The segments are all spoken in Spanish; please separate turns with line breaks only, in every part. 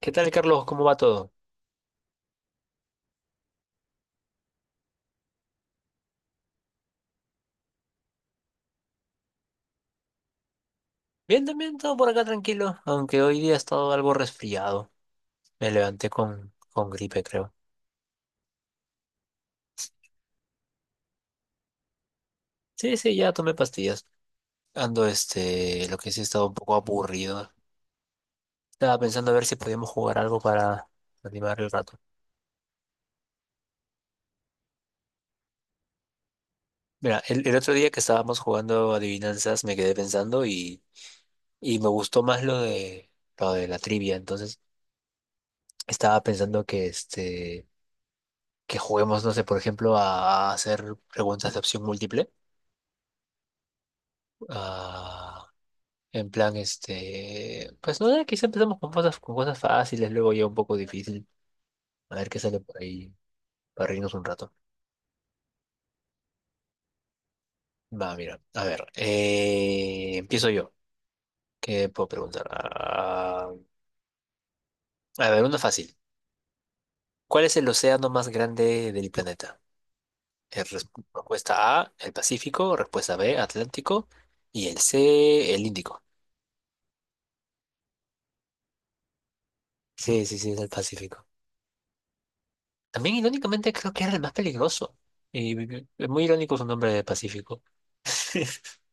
¿Qué tal, Carlos? ¿Cómo va todo? Bien, también todo por acá tranquilo, aunque hoy día he estado algo resfriado. Me levanté con gripe, creo. Sí, sí, ya tomé pastillas. Ando, lo que sí he estado un poco aburrido. Estaba pensando a ver si podíamos jugar algo para animar el rato. Mira, el otro día que estábamos jugando adivinanzas me quedé pensando y me gustó más lo de la trivia. Entonces estaba pensando que, que juguemos, no sé, por ejemplo, a hacer preguntas de opción múltiple. Ah. En plan, pues no, quizá empezamos con cosas fáciles, luego ya un poco difícil. A ver qué sale por ahí para reírnos un rato. Va, mira, a ver, empiezo yo. ¿Qué puedo preguntar? Ah, a ver, uno fácil. ¿Cuál es el océano más grande del planeta? Eh, res- Respuesta A, el Pacífico, respuesta B, Atlántico, y el C, el Índico. Sí, sí, sí, es el Pacífico. También irónicamente creo que era el más peligroso. Es muy irónico su nombre de Pacífico.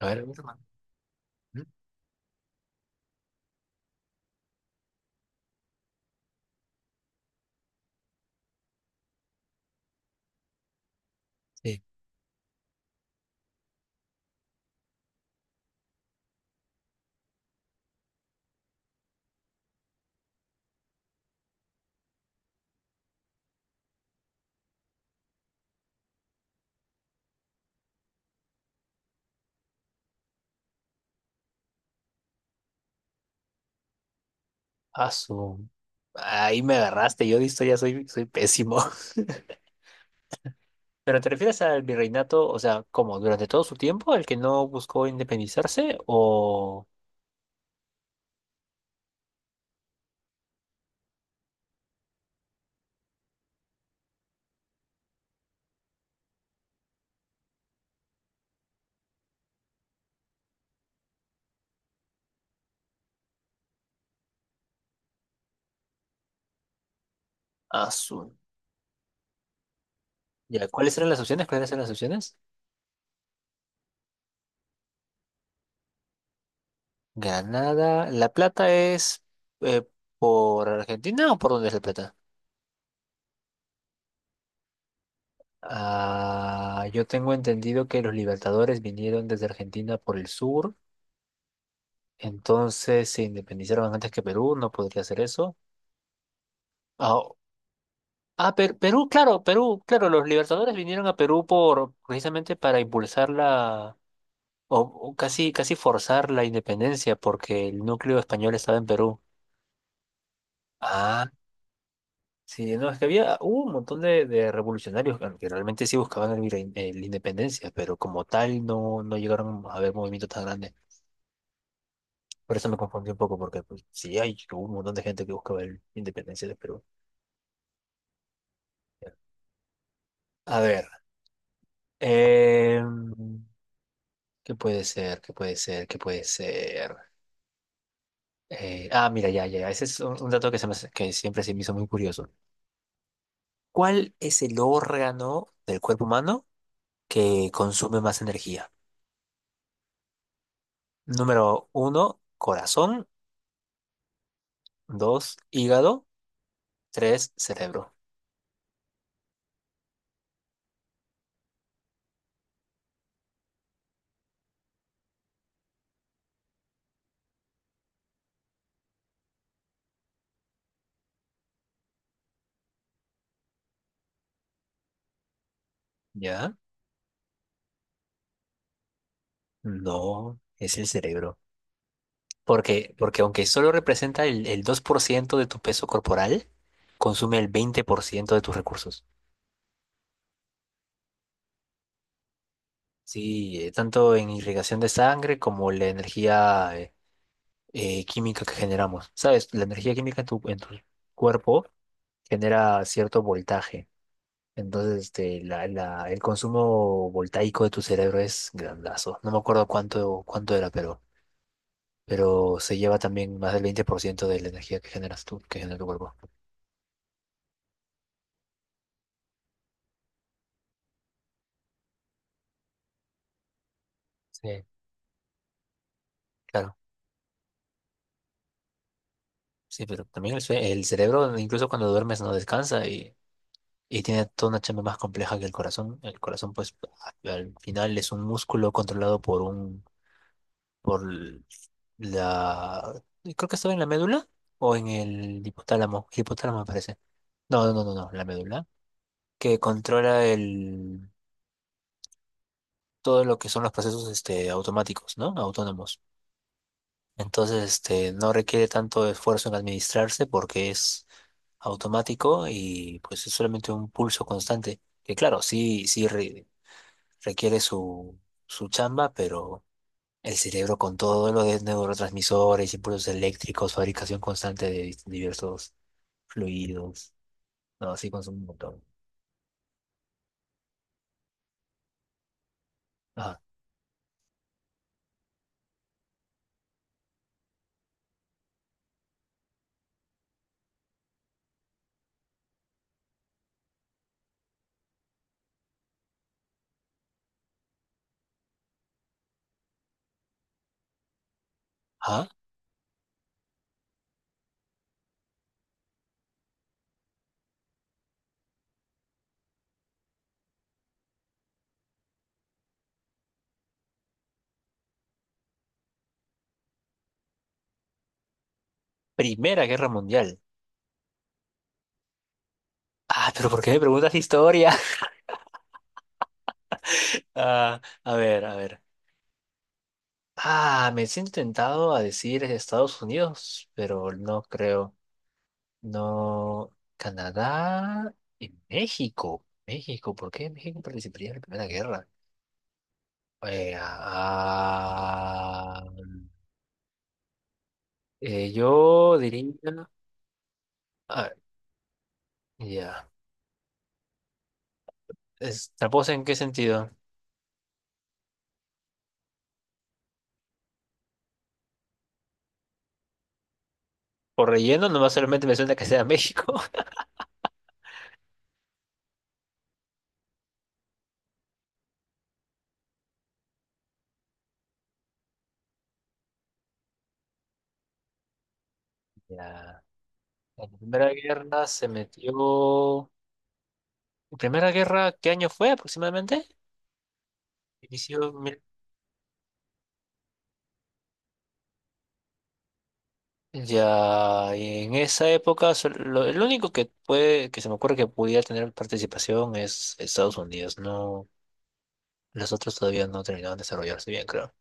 A ver, Superman. ¿Mm? Sí. Ah, su- Ahí me agarraste, yo de historia soy pésimo. ¿Pero te refieres al virreinato, o sea, como durante todo su tiempo, el que no buscó independizarse o Azul? Ya, ¿cuáles eran las opciones? ¿Cuáles eran las opciones? Granada, La Plata es, eh, ¿por Argentina o por dónde es La Plata? Ah, yo tengo entendido que los libertadores vinieron desde Argentina por el sur, entonces se independizaron antes que Perú, no podría ser eso. Ah. Perú, claro, los Libertadores vinieron a Perú por precisamente para impulsar la, o, o casi casi forzar la independencia porque el núcleo español estaba en Perú. Ah, sí, no, es que había hubo un montón de revolucionarios que realmente sí buscaban la independencia, pero como tal no, no llegaron a haber movimientos tan grandes. Por eso me confundí un poco porque pues, sí hay hubo un montón de gente que buscaba la independencia de Perú. A ver, em, ¿qué puede ser? ¿Qué puede ser? ¿Qué puede ser? Ah, mira, ya, ya, ya. Ese es un dato que siempre se me hizo muy curioso. ¿Cuál es el órgano del cuerpo humano que consume más energía? Número uno, corazón. Dos, hígado. Tres, cerebro. ¿Ya? No, es el cerebro. Porque aunque solo representa el 2% de tu peso corporal, consume el 20% de tus recursos. Sí, tanto en irrigación de sangre como la energía química que generamos. Sabes, la energía química en tu cuerpo genera cierto voltaje. Entonces, el consumo voltaico de tu cerebro es grandazo. No me acuerdo cuánto, cuánto era, pero se lleva también más del 20% de la energía que generas tú, que genera tu cuerpo. Sí, claro. Sí, pero también el cerebro, incluso cuando duermes, no descansa y tiene toda una chamba más compleja que el corazón. El corazón, pues, al final es un músculo controlado por un por l- la... Creo que estaba en la médula o en el hipotálamo. Hipotálamo me parece. No, no, no, no, no, la médula. Que controla el... todo lo que son los procesos, automáticos, ¿no? Autónomos. Entonces, no requiere tanto esfuerzo en administrarse porque es automático y pues es solamente un pulso constante. Que claro, sí, sí requiere su chamba, pero... El cerebro con todo lo de neurotransmisores, impulsos eléctricos, fabricación constante de diversos fluidos. No, sí consume un montón. Ajá. Ajá. Primera Guerra Mundial. Ah, pero ¿por qué me preguntas historia? Ah, a ver, a ver. Ah, me siento tentado a decir Estados Unidos, pero no creo. No. Canadá y México. México, ¿por qué México participaría en la Primera Guerra? Eh, ah, yo diría, ah, ya, ¿es tramposa en qué sentido? Por relleno, nomás solamente me suena que sea México. Ya. En la Primera Guerra se metió. ¿Primera Guerra qué año fue aproximadamente? Inició mil-. Ya, y en esa época, el único que puede, que se me ocurre que pudiera tener participación es Estados Unidos. No, los otros todavía no terminaron de desarrollarse bien, creo.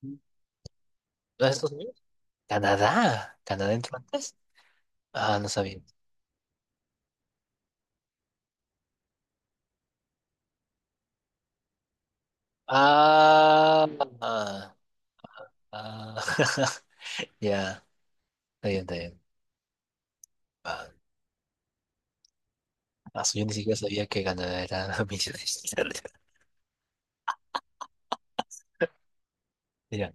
¿No es Estados Unidos? Canadá. ¿Canadá entró antes? Ah, no sabía. Ah, ah, ah, ya, está bien, está bien. Ah, aso, yo ni siquiera sabía que Canadá era millones. Mira,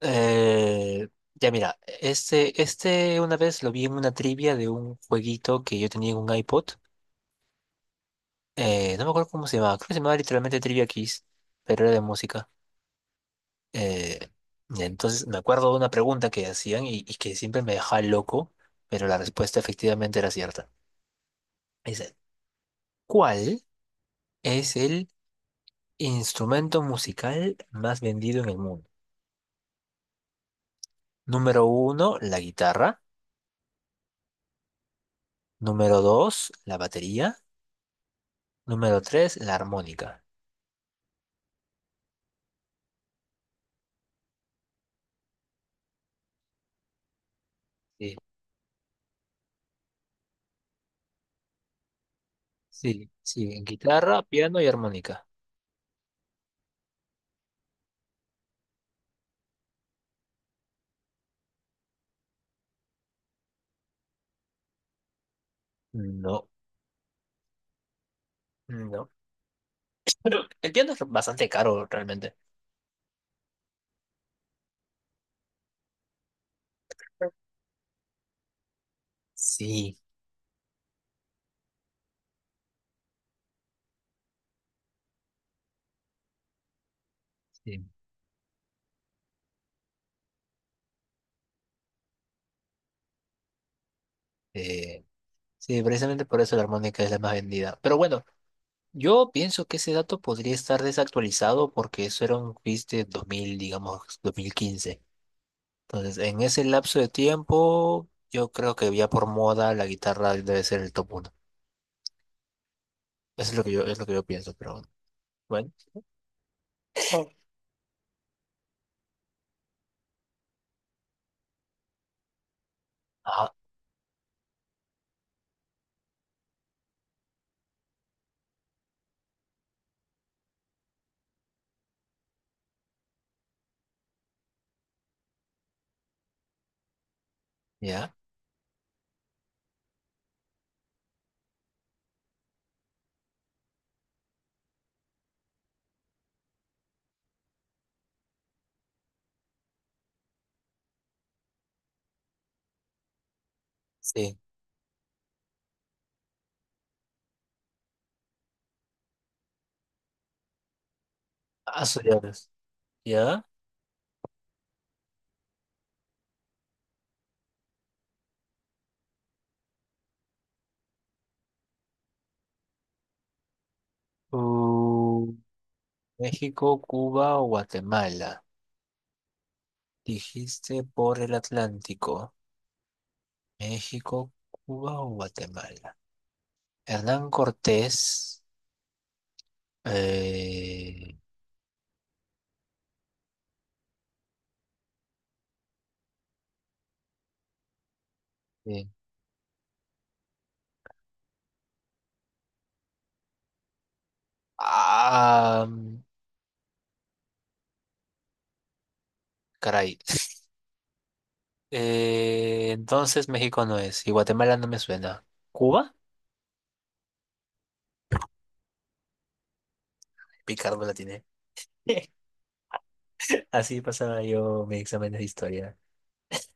eh, ya mira, este una vez lo vi en una trivia de un jueguito que yo tenía en un iPod. No me acuerdo cómo se llamaba, creo que se llamaba literalmente Trivia Kiss, pero era de música. Eh, y entonces me acuerdo de una pregunta que hacían y que siempre me dejaba loco, pero la respuesta efectivamente era cierta. Dice, ¿cuál es el instrumento musical más vendido en el mundo? Número uno, la guitarra. Número dos, la batería. Número tres, la armónica. Sí, sí, sí. Guitarra, piano y armónica. No, no. Pero el piano es bastante caro realmente. Sí, sí. eh, sí, precisamente por eso la armónica es la más vendida. Pero bueno, yo pienso que ese dato podría estar desactualizado porque eso era un quiz de dos mil, digamos, 2015. Entonces, en ese lapso de tiempo, yo creo que ya por moda la guitarra debe ser el top uno. Eso es es lo que yo pienso, pero bueno. Bueno, ajá, ya, sí. Ya, ves. Ya. Uh, México, Cuba o Guatemala. Dijiste por el Atlántico. México, Cuba o Guatemala. Hernán Cortés. eh, sí. Ah, caray. Entonces México no es, y Guatemala no me suena. ¿Cuba? Picardo la tiene. Así pasaba yo mis exámenes de historia.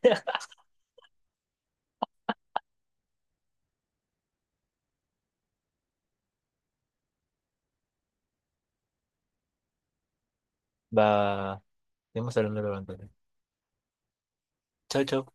Va, vamos hablando luego entonces. Chau, chau.